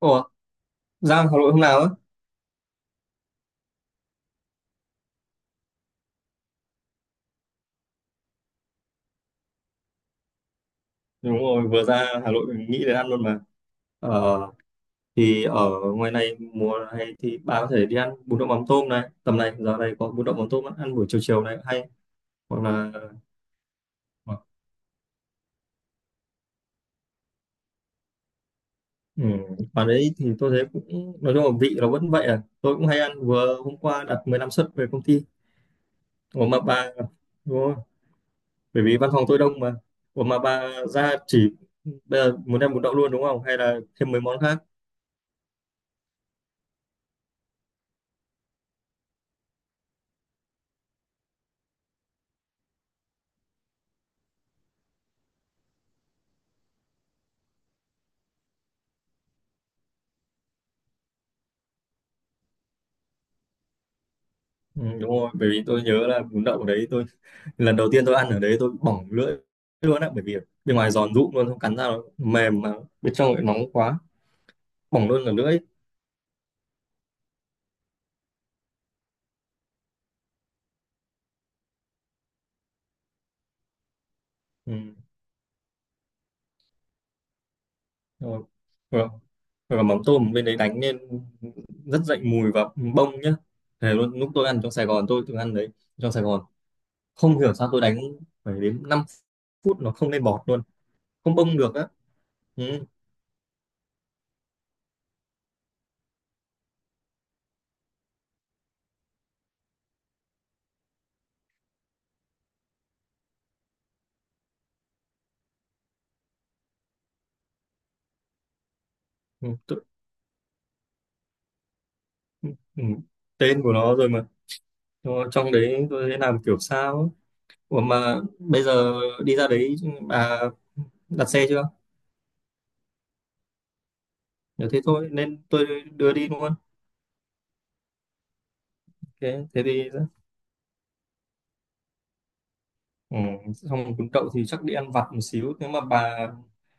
Ủa, ra Hà Nội hôm nào á? Đúng rồi, vừa ra Hà Nội mình nghĩ đến ăn luôn mà. Ờ, thì ở ngoài này mùa này thì bà có thể đi ăn bún đậu mắm tôm này. Tầm này, giờ này có bún đậu mắm tôm ăn buổi chiều chiều này hay. Hoặc là ừ, bà đấy thì tôi thấy cũng, nói chung là vị nó vẫn vậy à. Tôi cũng hay ăn, vừa hôm qua đặt 15 suất về công ty. Ủa mà bà, đúng rồi, bởi vì văn phòng tôi đông mà. Ủa mà bà ra chỉ, bây giờ muốn ăn bún đậu luôn đúng không? Hay là thêm mấy món khác? Ừ, đúng rồi, bởi vì tôi nhớ là bún đậu ở đấy, lần đầu tiên tôi ăn ở đấy tôi bỏng lưỡi luôn á, bởi vì bên ngoài giòn rụm luôn, không cắn ra nó mềm mà bên trong lại nóng quá, bỏng luôn cả lưỡi. Ừ. Rồi rồi rồi, mắm tôm bên đấy đánh lên rất dậy mùi và bông nhá. Thế luôn, lúc tôi ăn trong Sài Gòn tôi từng ăn đấy, trong Sài Gòn không hiểu sao tôi đánh phải đến 5 phút nó không lên bọt luôn, không bông được á. Ừ. Ừ. Tôi, ừ. Ừ, tên của nó rồi mà. Trong đấy tôi thấy làm kiểu sao á. Ủa mà bây giờ đi ra đấy bà đặt xe chưa? Nếu thế thôi nên tôi đưa đi luôn. Thế thế thì ừ, xong cuốn đậu thì chắc đi ăn vặt một xíu. Nếu mà bà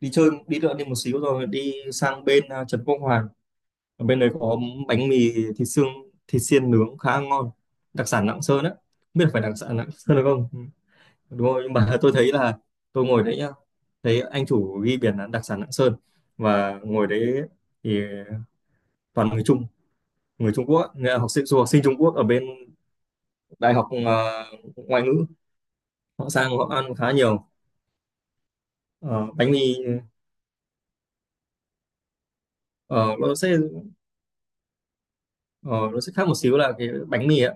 đi chơi đi đợi đi một xíu rồi đi sang bên Trần Quốc Hoàn. Ở bên đấy có bánh mì thịt xương, thịt xiên nướng khá ngon. Đặc sản Lạng Sơn á. Không biết là phải đặc sản Lạng Sơn được không? Ừ, đúng rồi, nhưng mà tôi thấy là tôi ngồi đấy nhá. Thấy anh chủ ghi biển là đặc sản Lạng Sơn và ngồi đấy thì toàn người Trung Quốc á, nghĩa là học sinh du học sinh Trung Quốc ở bên đại học ngoại ngữ. Họ sang họ ăn khá nhiều. Ờ, bánh mì ờ, nó sẽ ờ, nó sẽ khác một xíu là cái bánh mì á,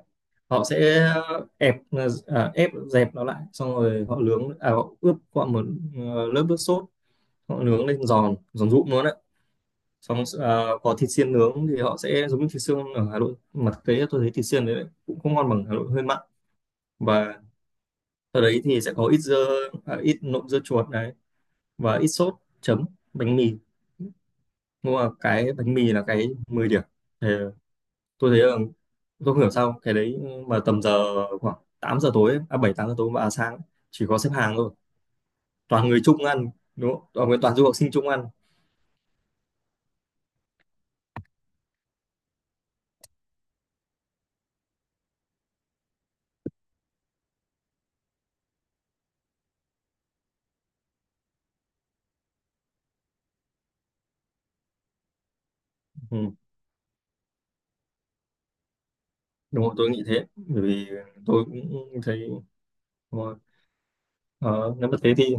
họ sẽ ép ép dẹp nó lại, xong rồi họ nướng, họ ướp qua một lớp nước sốt, họ nướng lên giòn giòn rụm luôn đấy. Xong có thịt xiên nướng thì họ sẽ giống như thịt xương ở Hà Nội, mà thực tế tôi thấy thịt xiên đấy cũng không ngon bằng Hà Nội, hơi mặn. Và ở đấy thì sẽ có ít dưa ít nộm dưa chuột này và ít sốt chấm bánh mì. Nhưng mà cái bánh mì là cái 10 điểm. Thì tôi thấy là tôi không hiểu sao cái đấy mà tầm giờ khoảng 8 giờ tối ấy, à 7 8 giờ tối và sáng ấy, chỉ có xếp hàng thôi. Toàn người Trung ăn đúng không? Toàn toàn du học sinh Trung ăn. Ừ. Đúng rồi tôi nghĩ thế, bởi vì tôi cũng thấy đúng rồi. Ờ, nếu mà thế thì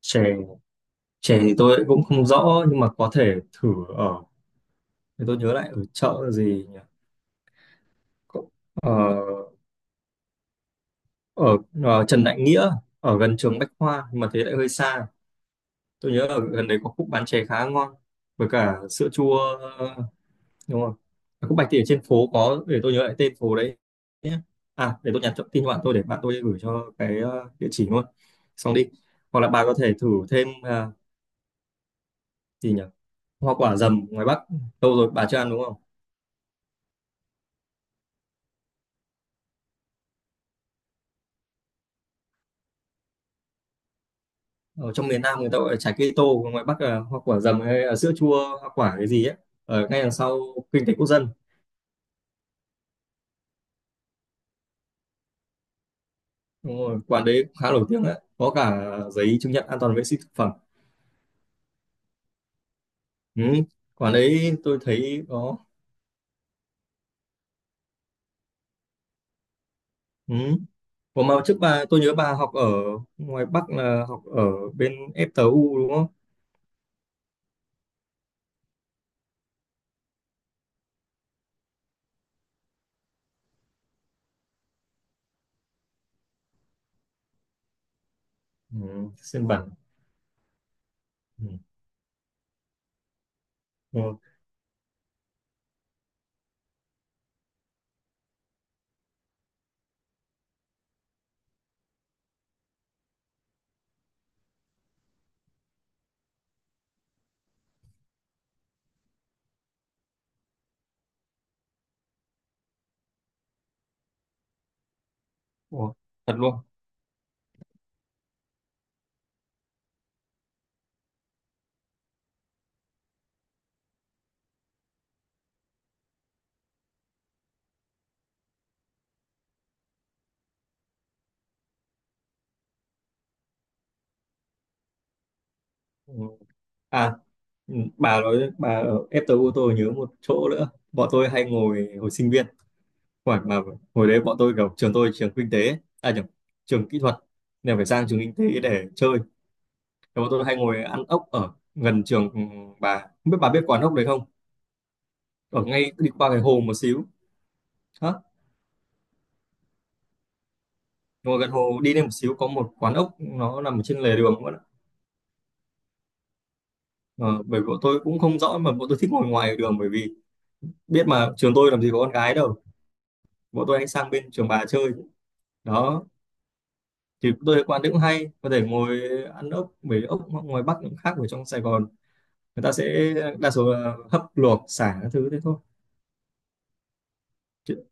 chè, chè thì tôi cũng không rõ nhưng mà có thể thử. Ở thì tôi nhớ lại ở chợ gì nhỉ. Ờ, ở Trần Đại Nghĩa, ở gần trường Bách Khoa, nhưng mà thế lại hơi xa. Tôi nhớ ở gần đấy có khúc bán chè khá ngon với cả sữa chua. ờ, đúng không. Ở khúc Bạch thì ở trên phố có, để tôi nhớ lại tên phố đấy nhé. À để tôi tin cho bạn tôi để bạn tôi gửi cho cái địa chỉ luôn. Xong đi, hoặc là bà có thể thử thêm gì nhỉ, hoa quả dầm ngoài Bắc, lâu rồi bà chưa ăn đúng không. Ở trong miền Nam người ta gọi là trái cây tô, ngoài Bắc là hoa quả dầm hay là sữa chua hoa quả cái gì ấy, ở ngay đằng sau kinh tế quốc dân. Đúng rồi, quán đấy khá nổi tiếng đấy. Có cả giấy chứng nhận an toàn vệ sinh thực phẩm. Ừ. Quán đấy tôi thấy có. Ừ. Còn mà trước bà, tôi nhớ bà học ở ngoài Bắc là học ở bên ETU đúng không? Ừ. Sơn Bản. Ừ. Ừ. Ủa, thật luôn. Ừ. À, ừ, bà nói bà ở ETU tôi nhớ một chỗ nữa. Bọn tôi hay ngồi hồi sinh viên. Khoảng mà hồi đấy bọn tôi kiểu trường tôi trường kinh tế, à nhầm, trường kỹ thuật. Nên phải sang trường kinh tế để chơi. Thì bọn tôi hay ngồi ăn ốc ở gần trường, ừ, bà. Không biết bà biết quán ốc đấy không? Ở ngay đi qua cái hồ một xíu. Hả? Ngồi gần hồ đi lên một xíu có một quán ốc nó nằm trên lề đường luôn. Ờ, bởi vì bọn tôi cũng không rõ mà bọn tôi thích ngồi ngoài đường, bởi vì biết mà trường tôi làm gì có con gái đâu. Bọn tôi hay sang bên trường bà chơi. Đó. Thì tôi thấy quán đấy cũng hay. Có thể ngồi ăn ốc. Bởi vì ốc ngoài Bắc cũng khác ở trong Sài Gòn. Người ta sẽ đa số là hấp luộc, xả các thứ thế thôi. Chứ-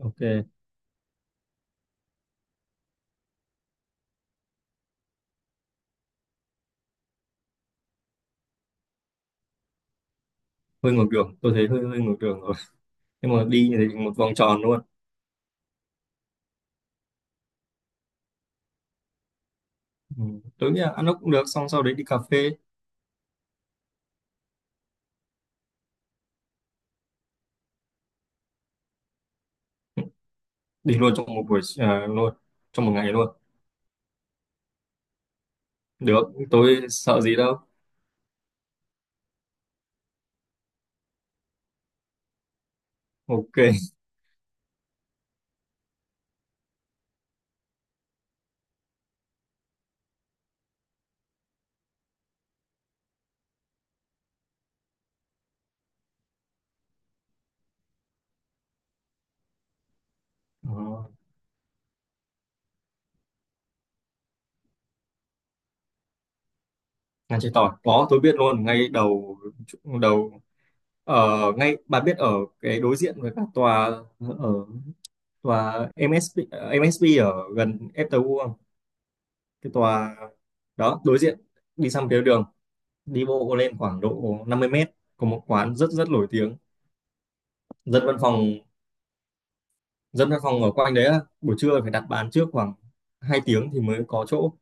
Ok, hơi ngược đường. Tôi thấy hơi hơi ngược đường, nhưng mà đi như thế một vòng tròn luôn. Ừ. Tôi nghĩ là ăn ốc cũng được, xong sau đấy đi cà phê. Đi luôn trong một buổi luôn trong một ngày luôn. Được, tôi sợ gì đâu. Ok. Ờ, ngăn chế tỏi có, tôi biết luôn ngay đầu, đầu ở ngay, bà biết ở cái đối diện với cả tòa, ở tòa MSB, MSB ở gần FTU không, cái tòa đó đối diện, đi sang phía đường đi bộ lên khoảng độ 50 mét có một quán rất rất nổi tiếng. Dân văn phòng, dân văn phòng ở quanh đấy á, buổi trưa phải đặt bàn trước khoảng 2 tiếng thì mới có chỗ.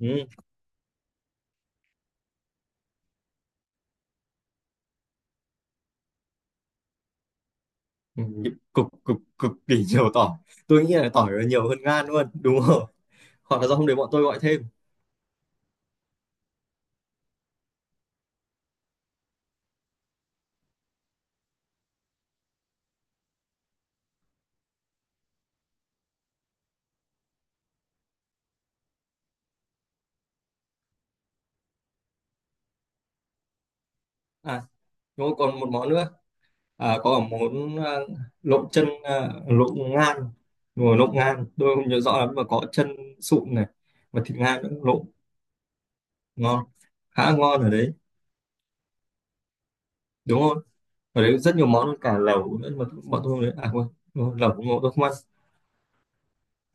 Ừ. Ừ, cực cực cực kỳ nhiều tỏi. Tôi nghĩ là tỏi là nhiều hơn gan luôn, đúng rồi. Hoặc là do hôm đấy bọn tôi gọi thêm. À đúng rồi, còn một món nữa. Có cả món lộn chân lộn ngan. Đúng rồi, lộn ngan tôi không nhớ rõ lắm mà có chân sụn này và thịt ngan nữa lộn. Ngon, khá ngon ở đấy, đúng không. Ở đấy rất nhiều món, cả lẩu nữa, mà bọn tôi không đấy à quên. Đúng rồi, lẩu ngộ tôi không ăn.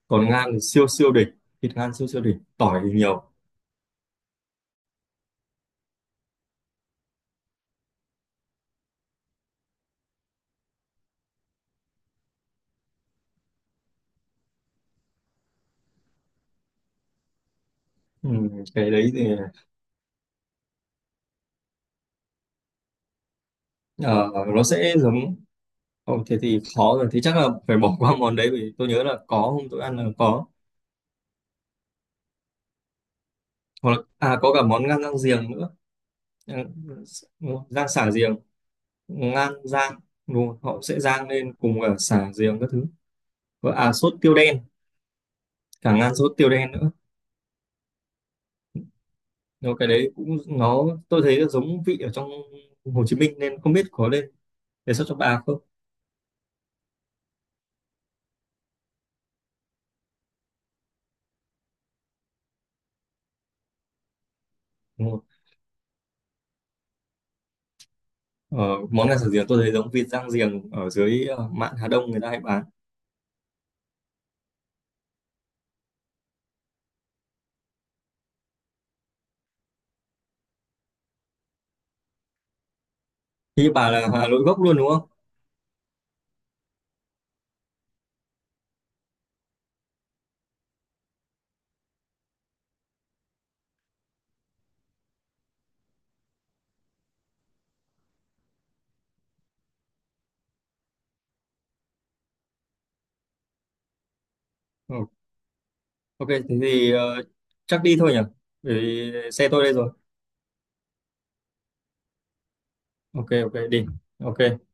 Còn ngan thì siêu siêu đỉnh, thịt ngan siêu siêu đỉnh, tỏi thì nhiều. Ừ, cái đấy thì ờ, nó sẽ giống. Ồ, thế thì khó rồi, thế chắc là phải bỏ qua món đấy vì tôi nhớ là có hôm tôi ăn là có. Hoặc là có cả món ngan rang giềng nữa. Ừ, đúng rồi, rang xả giềng, ngan rang, đúng rồi, họ sẽ rang lên cùng cả xả giềng các thứ. Và sốt tiêu đen, cả ngan sốt tiêu đen nữa. Nhưng cái đấy cũng, nó tôi thấy là giống vị ở trong Hồ Chí Minh nên không biết có lên đề xuất cho bà không. Ừ. Ờ, món gà xào giềng tôi thấy giống vịt rang giềng ở dưới mạn Hà Đông người ta hay bán. Thì bà là Hà Nội gốc luôn đúng không? Ừ. Ok, thế thì chắc đi thôi nhỉ? Bởi vì xe tôi đây rồi. Ok, ok, đi. Ok.